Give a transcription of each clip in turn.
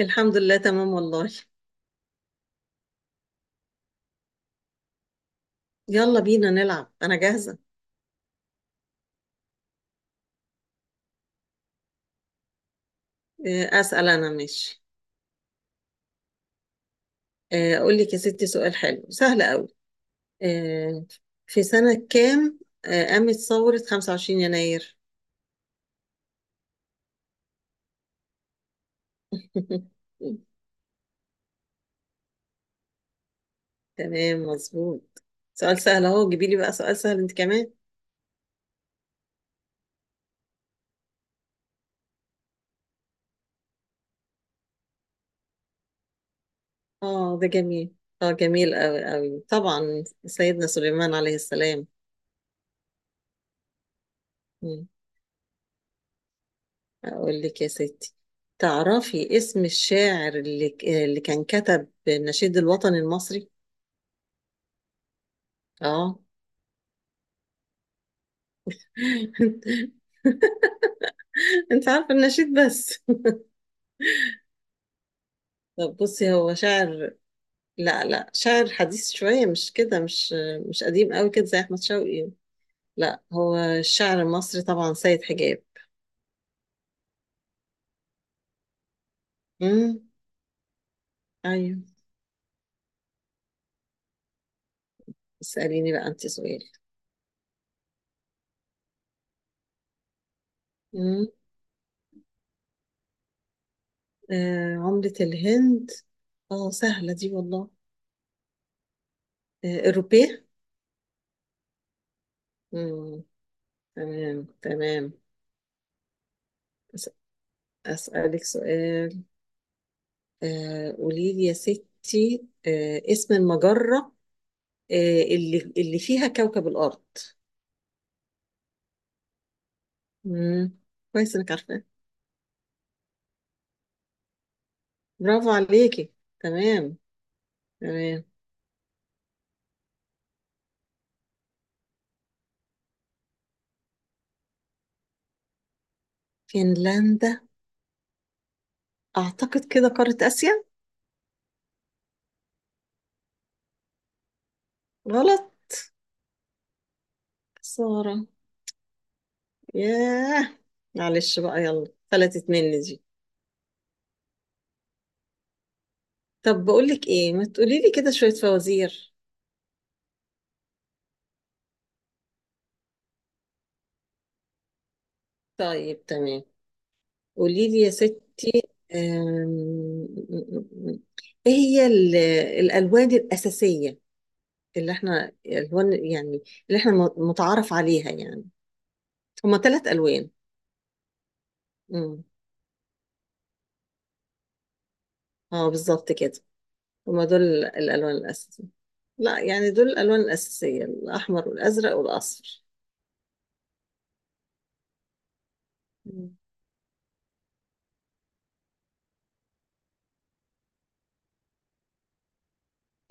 الحمد لله تمام والله. يلا بينا نلعب، أنا جاهزة. أسأل أنا، ماشي. أقول لك يا ستي سؤال حلو سهل قوي. آه، في سنة كام قامت ثورة 25 يناير؟ تمام مظبوط. سؤال سهل أهو، جيبي لي بقى سؤال سهل أنت كمان. آه ده جميل، جميل قوي قوي، طبعا سيدنا سليمان عليه السلام. مم. أقول لك يا ستي، تعرفي اسم الشاعر اللي كان كتب النشيد الوطني المصري؟ اه. انت عارفه النشيد بس. طب بصي، هو شاعر. لا لا، شاعر حديث شويه، مش كده، مش قديم قوي كده زي احمد شوقي. لا، هو الشاعر المصري طبعا سيد حجاب. امم. ايوه. اساليني بقى انت سؤال. امم عملة الهند. اه سهله دي والله. الروبيه. امم. تمام تمام. أس- اسالك سؤال. قولي لي يا ستي، اسم المجره، اللي فيها كوكب الأرض. مم. كويس إنك عارفة. برافو عليكي. تمام تمام. فنلندا، أعتقد كده قارة آسيا. غلط. خسارة. ياه. معلش بقى، يلا فلتت مني دي. طب بقول لك إيه، ما تقولي لي كده شوية فوازير. طيب تمام. قولي لي يا ست. آم، إيه هي الألوان الأساسية؟ اللي احنا الألوان يعني، اللي احنا متعارف عليها يعني. هما ثلاث ألوان. امم. اه بالظبط كده. هما دول الألوان الأساسية. لا، يعني دول الألوان الأساسية الأحمر والأزرق والأصفر. مم.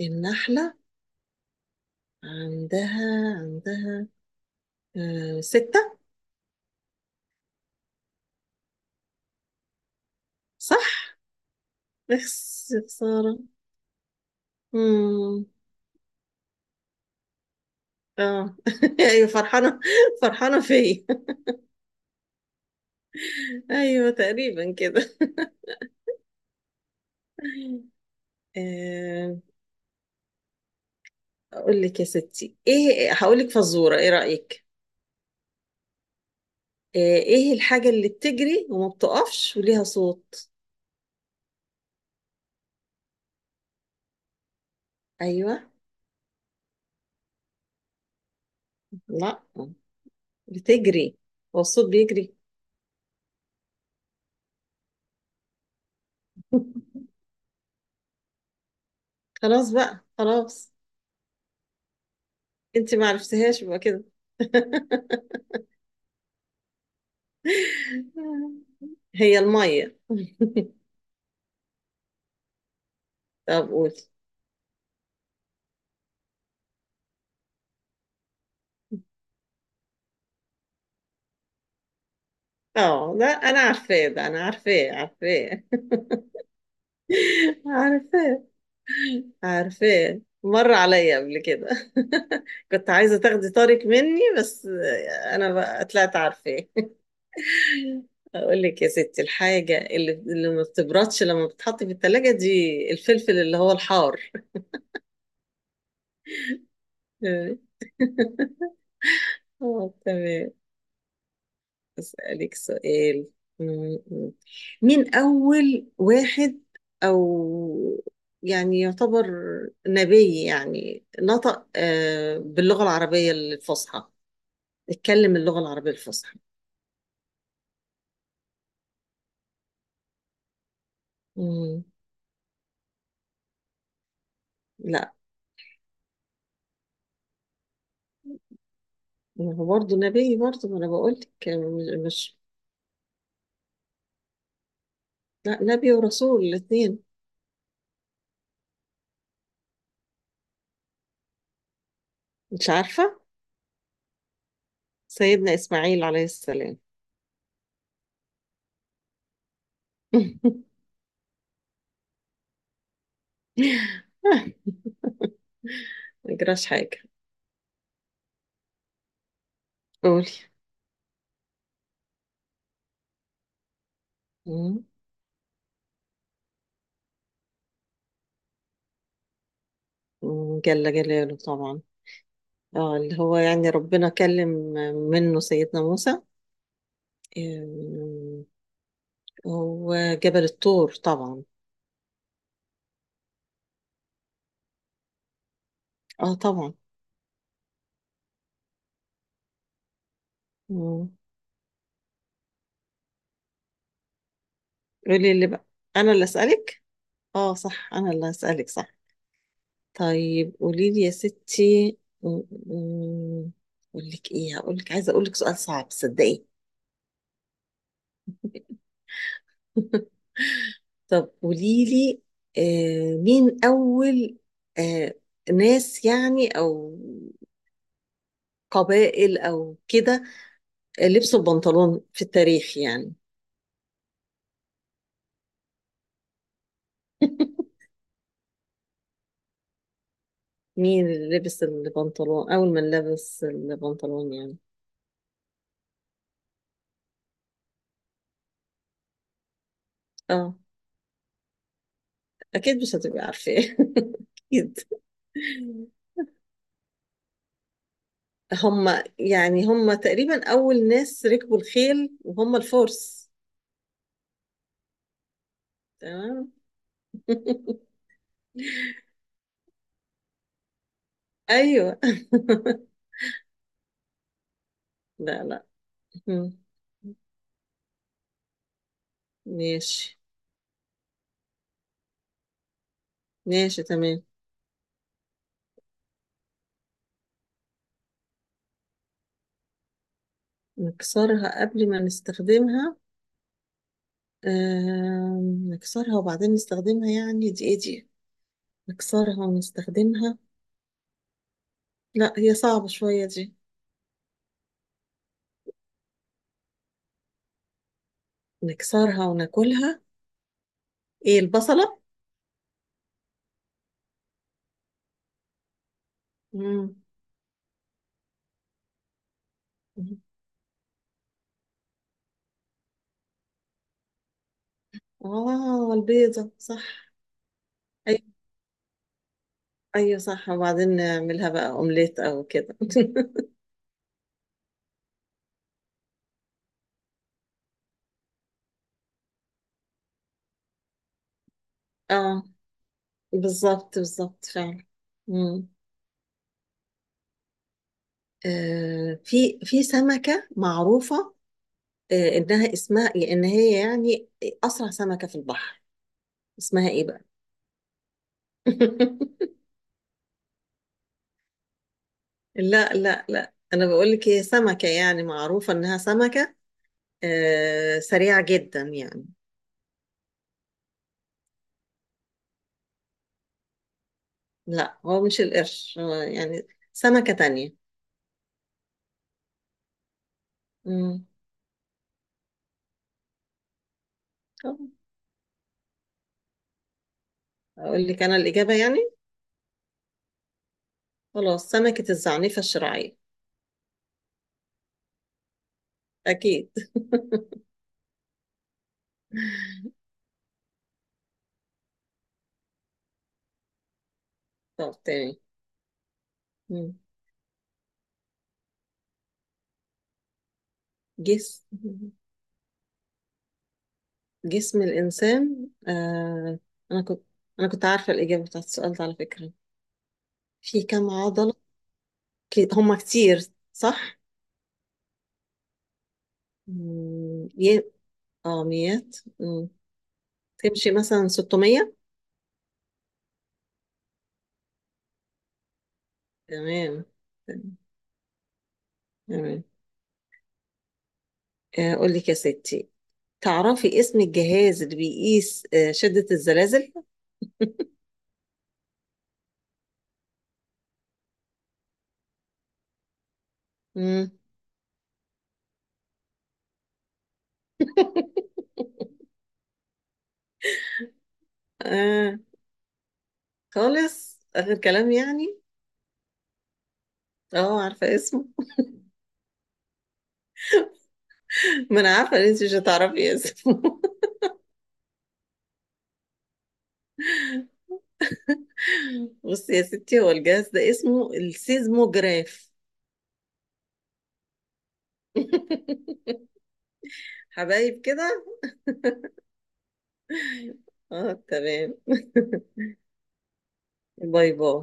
النحلة عندها ستة. صح؟ بس يا خسارة. امم. اه. ايوه فرحانة، فرحانة فيا. ايوه تقريبا كده. آه اقول لك يا ستي ايه، هقول لك فزورة، ايه رأيك؟ ايه الحاجة اللي بتجري وما بتقفش وليها صوت؟ ايوه. لا، بتجري. هو الصوت بيجري. خلاص بقى، خلاص. انت ما عرفتهاش يبقى كده. هي الميه. طب قولي. اه لا، انا عارفاه ده، انا عارفاه عارفاه. عارفاه عارفاه، مر عليا قبل كده. كنت عايزه تاخدي طارق مني بس. انا بقى طلعت عارفاه. اقول لك يا ستي الحاجه اللي ما بتبردش لما بتتحط في الثلاجه دي، الفلفل اللي هو الحار. اه تمام. اسالك سؤال. م- م. مين اول واحد، او يعني يعتبر نبي يعني نطق باللغه العربيه الفصحى، اتكلم اللغه العربيه الفصحى؟ مم. لا، ما هو برضه نبي برضه، ما انا بقول لك لا، نبي ورسول الاثنين. مش عارفه. سيدنا إسماعيل عليه السلام. ما يجراش حاجة. قولي. مم. جل جلاله طبعا. اه، اللي هو يعني ربنا كلم منه سيدنا موسى. آم، هو جبل الطور طبعا. اه طبعا. مم. قولي اللي بقى، انا اللي اسالك. اه صح، انا اللي اسالك صح. طيب قولي لي يا ستي. مم، مم، اقول لك ايه، هقول لك، عايزه اقول لك سؤال صعب صدقي. طب قوليلي، مين أول آه ناس يعني، أو قبائل أو كده، لبسوا البنطلون في التاريخ يعني. مين اللي لبس البنطلون، أول من لبس البنطلون يعني. اه. أكيد مش هتبقي عارفة. أكيد. هم، يعني هم تقريبا أول ناس ركبوا الخيل، وهم الفرس. تمام. أيوه. لا لا. مم. ماشي. ماشي تمام. نكسرها قبل ما نستخدمها؟ آه نكسرها وبعدين نستخدمها، يعني دي ايه دي؟ نكسرها ونستخدمها. لا، هي صعبة شوية دي. نكسرها وناكلها. ايه، البصلة؟ مم. اه البيضة صح. ايوه. ايوه صح، وبعدين نعملها بقى اومليت او كده. اه بالظبط بالظبط فعلا. مم. في سمكة معروفة، انها اسمها إيه، ان هي يعني اسرع سمكة في البحر. اسمها ايه بقى؟ لا لا لا، انا بقول لك هي سمكة يعني معروفة انها سمكة سريعة جدا يعني. لا، هو مش القرش، هو يعني سمكة تانية. مم. طب اقول لك انا الإجابة يعني، خلاص، سمكة الزعنفة الشراعية. اكيد. طب تاني. مم. جس جسم الإنسان، أنا كنت أنا كنت عارفة الإجابة بتاعت السؤال ده على فكرة، في كم عضلة. هما كتير. صح؟ مم، ي- اه ميات. تمشي مثلا 600. تمام تمام. قول لك يا ستي، تعرفي اسم الجهاز اللي بيقيس شدة الزلازل؟ مم. آه خالص آخر كلام يعني. اه عارفة اسمه. ما انا عارفة ان انت مش هتعرفي اسمه. بصي يا ستي، هو الجهاز ده اسمه السيزموجراف. حبايب كده. اه تمام. باي باي.